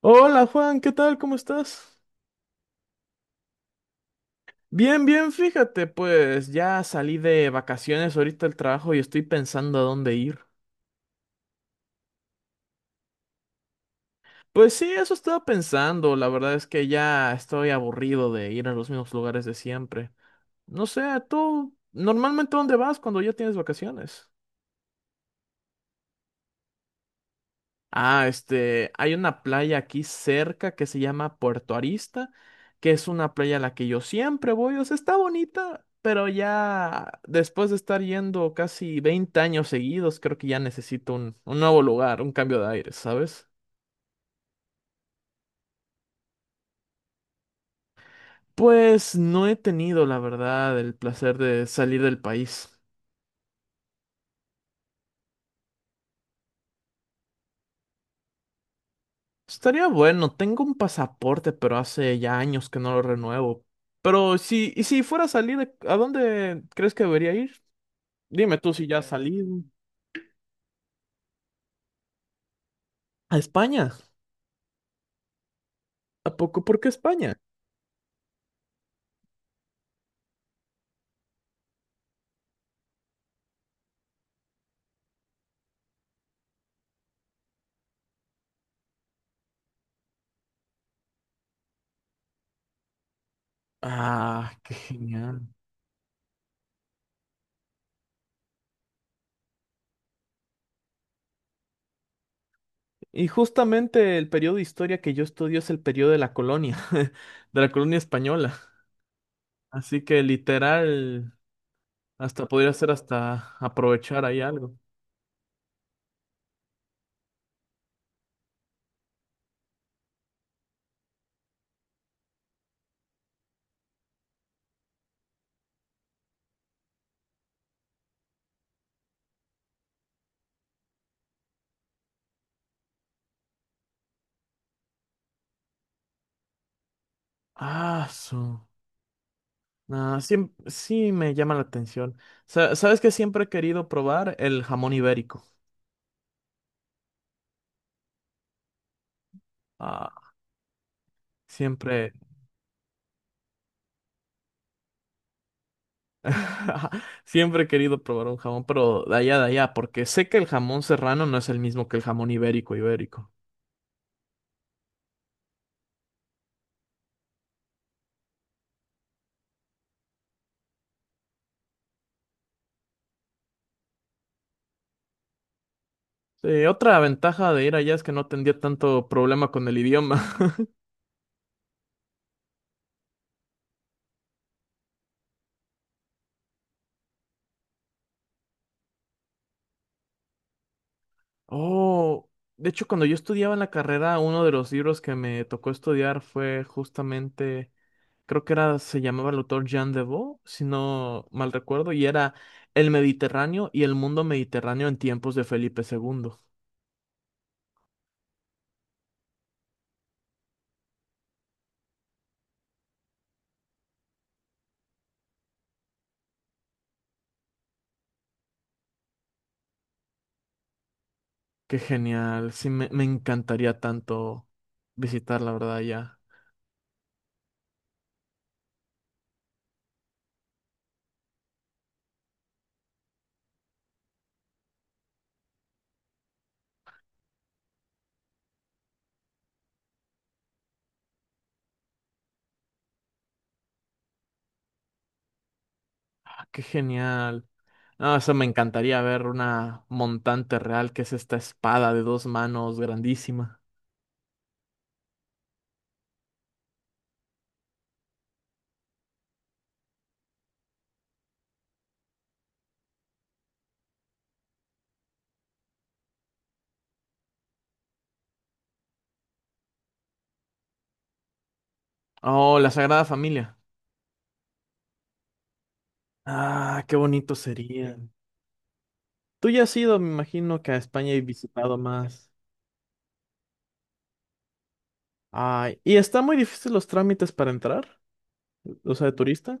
Hola Juan, ¿qué tal? ¿Cómo estás? Bien, bien, fíjate, pues ya salí de vacaciones ahorita del trabajo y estoy pensando a dónde ir. Pues sí, eso estaba pensando, la verdad es que ya estoy aburrido de ir a los mismos lugares de siempre. No sé, tú normalmente ¿dónde vas cuando ya tienes vacaciones? Ah, este, hay una playa aquí cerca que se llama Puerto Arista, que es una playa a la que yo siempre voy, o sea, está bonita, pero ya después de estar yendo casi 20 años seguidos, creo que ya necesito un nuevo lugar, un cambio de aire, ¿sabes? Pues no he tenido, la verdad, el placer de salir del país. Estaría bueno, tengo un pasaporte, pero hace ya años que no lo renuevo. Pero si, y si fuera a salir, ¿a dónde crees que debería ir? Dime tú si ya has salido a España. ¿A poco? ¿Por qué España? Ah, qué genial. Y justamente el periodo de historia que yo estudio es el periodo de la colonia, de la colonia española. Así que literal, hasta podría ser hasta aprovechar ahí algo. Ah, su. Ah, sí, sí me llama la atención. ¿Sabes que siempre he querido probar el jamón ibérico? Ah, siempre. Siempre he querido probar un jamón, pero de allá, porque sé que el jamón serrano no es el mismo que el jamón ibérico, ibérico. Otra ventaja de ir allá es que no tendría tanto problema con el idioma. Oh, de hecho, cuando yo estudiaba en la carrera, uno de los libros que me tocó estudiar fue justamente, creo que era, se llamaba el autor Jean Devaux, si no mal recuerdo, y era El Mediterráneo y el mundo mediterráneo en tiempos de Felipe II. Qué genial. Sí, me encantaría tanto visitar, la verdad, ya. Ah, qué genial. No, o sea, me encantaría ver una montante real, que es esta espada de dos manos grandísima. Oh, la Sagrada Familia. Ah, qué bonito sería. Tú ya has ido, me imagino, que a España y visitado más. Ay, ¿y está muy difícil los trámites para entrar? O sea, de turista.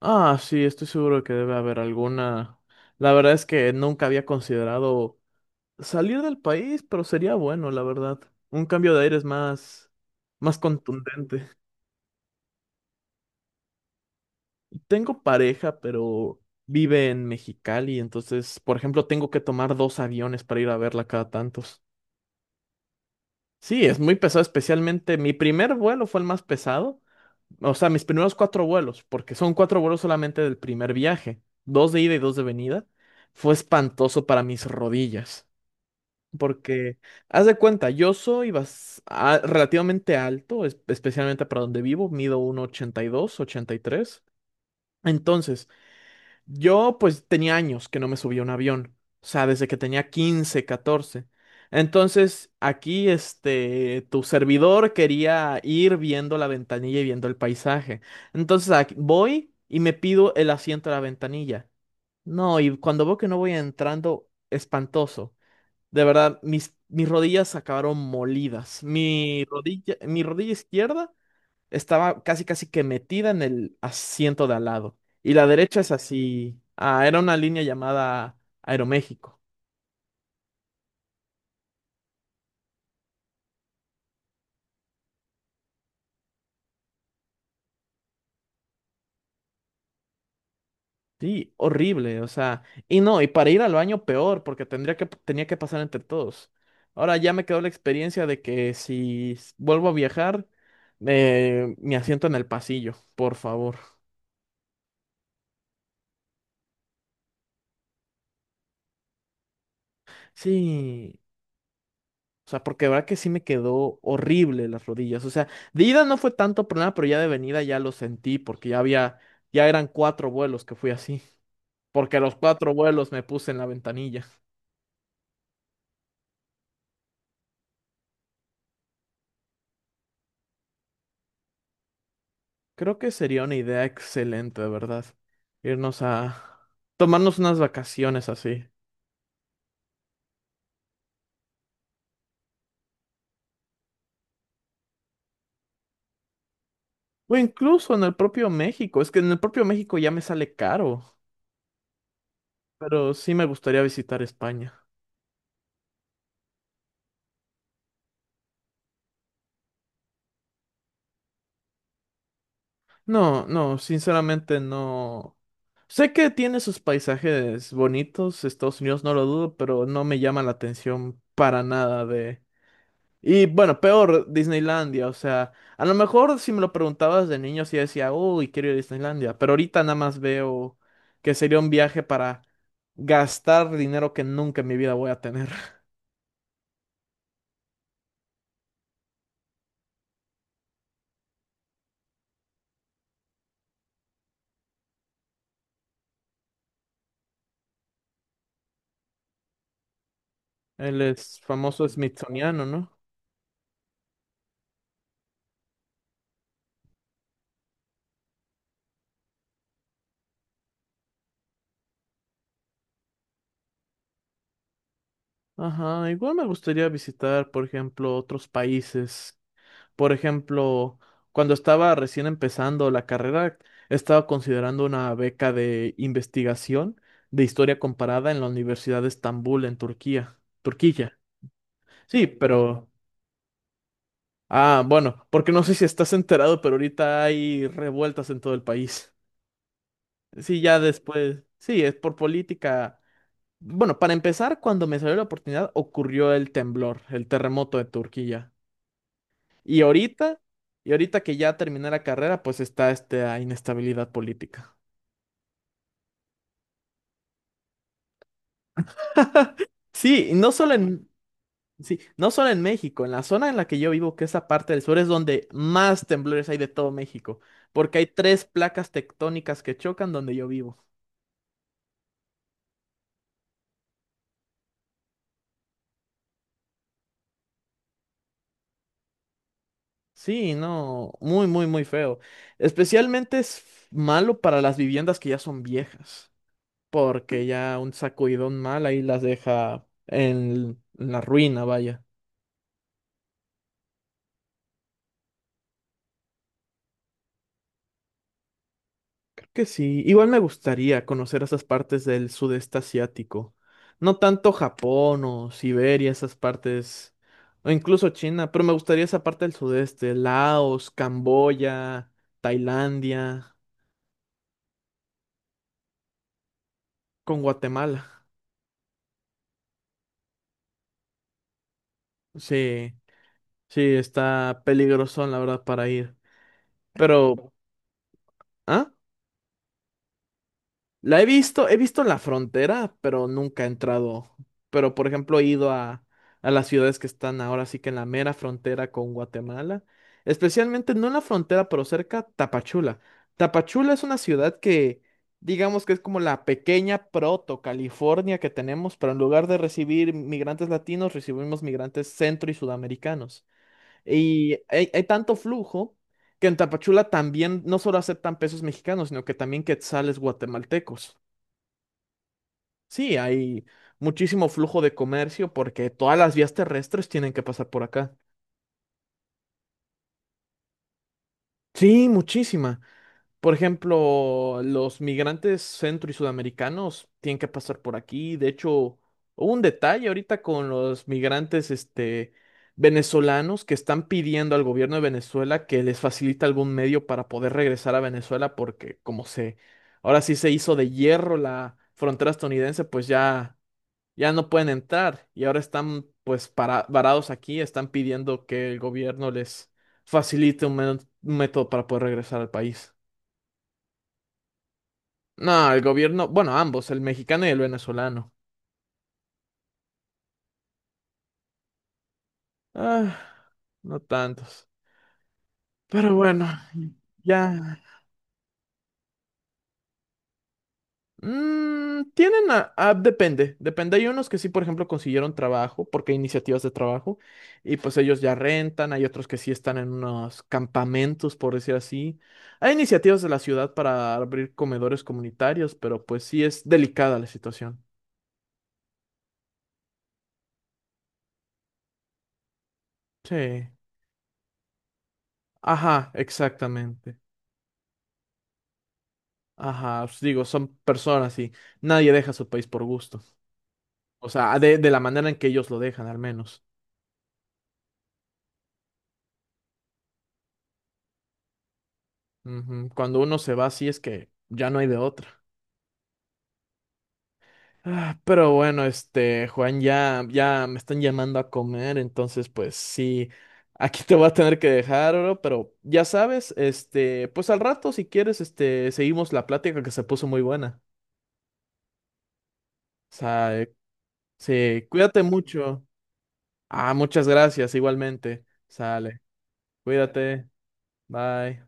Ah, sí, estoy seguro que debe haber alguna. La verdad es que nunca había considerado salir del país, pero sería bueno, la verdad. Un cambio de aires más, más contundente. Tengo pareja, pero vive en Mexicali, entonces, por ejemplo, tengo que tomar dos aviones para ir a verla cada tantos. Sí, es muy pesado, especialmente mi primer vuelo fue el más pesado. O sea, mis primeros cuatro vuelos, porque son cuatro vuelos solamente del primer viaje, dos de ida y dos de venida. Fue espantoso para mis rodillas. Porque, haz de cuenta, yo soy relativamente alto, especialmente para donde vivo, mido ochenta ochenta y dos ochenta y tres. Entonces, yo pues tenía años que no me subía a un avión, o sea, desde que tenía 15 catorce. Entonces, aquí, este, tu servidor quería ir viendo la ventanilla y viendo el paisaje. Entonces, voy y me pido el asiento a la ventanilla. No, y cuando veo que no voy entrando, espantoso. De verdad, mis rodillas acabaron molidas. Mi rodilla izquierda estaba casi casi que metida en el asiento de al lado. Y la derecha es así. Ah, era una línea llamada Aeroméxico. Sí, horrible, o sea. Y no, y para ir al baño peor, porque tenía que pasar entre todos. Ahora ya me quedó la experiencia de que si s- vuelvo a viajar, mi asiento en el pasillo, por favor. Sí, o sea, porque de verdad que sí me quedó horrible las rodillas. O sea, de ida no fue tanto problema, pero ya de venida ya lo sentí porque ya había, ya eran cuatro vuelos que fui así. Porque los cuatro vuelos me puse en la ventanilla. Creo que sería una idea excelente, de verdad. Irnos a tomarnos unas vacaciones así. O incluso en el propio México. Es que en el propio México ya me sale caro. Pero sí me gustaría visitar España. No, no, sinceramente no. Sé que tiene sus paisajes bonitos, Estados Unidos no lo dudo, pero no me llama la atención para nada de... Y bueno, peor, Disneylandia, o sea, a lo mejor si me lo preguntabas de niño sí decía, uy, quiero ir a Disneylandia, pero ahorita nada más veo que sería un viaje para gastar dinero que nunca en mi vida voy a tener. Él es famoso smithsoniano, ¿no? Ajá, igual me gustaría visitar, por ejemplo, otros países. Por ejemplo, cuando estaba recién empezando la carrera, estaba considerando una beca de investigación de historia comparada en la Universidad de Estambul, en Turquía. Turquía. Sí, pero... Ah, bueno, porque no sé si estás enterado, pero ahorita hay revueltas en todo el país. Sí, ya después. Sí, es por política. Bueno, para empezar, cuando me salió la oportunidad, ocurrió el temblor, el terremoto de Turquía. Y ahorita, y ahorita que ya terminé la carrera, pues está esta inestabilidad política. Sí, y no solo en, sí, no solo en México, en la zona en la que yo vivo, que es esa parte del sur es donde más temblores hay de todo México, porque hay tres placas tectónicas que chocan donde yo vivo. Sí, no, muy, muy, muy feo. Especialmente es malo para las viviendas que ya son viejas, porque ya un sacudidón mal ahí las deja en la ruina, vaya. Que sí, igual me gustaría conocer esas partes del sudeste asiático. No tanto Japón o Siberia, esas partes, o incluso China, pero me gustaría esa parte del sudeste, Laos, Camboya, Tailandia, con Guatemala. Sí, sí, está peligroso, la verdad, para ir. Pero, ¿ah? La he visto la frontera, pero nunca he entrado. Pero, por ejemplo, he ido a las ciudades que están ahora sí que en la mera frontera con Guatemala. Especialmente, no en la frontera, pero cerca, Tapachula. Tapachula es una ciudad que, digamos que es como la pequeña proto California que tenemos, pero en lugar de recibir migrantes latinos, recibimos migrantes centro y sudamericanos. Y hay tanto flujo que en Tapachula también no solo aceptan pesos mexicanos, sino que también quetzales guatemaltecos. Sí, hay muchísimo flujo de comercio porque todas las vías terrestres tienen que pasar por acá. Sí, muchísima. Por ejemplo, los migrantes centro y sudamericanos tienen que pasar por aquí. De hecho, hubo un detalle ahorita con los migrantes, este, venezolanos que están pidiendo al gobierno de Venezuela que les facilite algún medio para poder regresar a Venezuela porque como se, ahora sí se hizo de hierro la frontera estadounidense, pues ya ya no pueden entrar y ahora están pues para, varados aquí, están pidiendo que el gobierno les facilite un método para poder regresar al país. No, el gobierno, bueno, ambos, el mexicano y el venezolano. Ah, no tantos. Pero bueno, ya. Mm, tienen depende, depende. Hay unos que sí, por ejemplo, consiguieron trabajo, porque hay iniciativas de trabajo, y pues ellos ya rentan, hay otros que sí están en unos campamentos, por decir así. Hay iniciativas de la ciudad para abrir comedores comunitarios, pero pues sí es delicada la situación. Sí. Ajá, exactamente. Ajá, os digo, son personas y nadie deja su país por gusto. O sea, de la manera en que ellos lo dejan, al menos. Ujú, cuando uno se va, sí es que ya no hay de otra. Ah, pero bueno, este, Juan, ya, ya me están llamando a comer, entonces pues sí, aquí te voy a tener que dejar, bro, pero ya sabes, este, pues al rato si quieres, este, seguimos la plática que se puso muy buena. O sea, sí, cuídate mucho. Ah, muchas gracias, igualmente. Sale, cuídate, bye.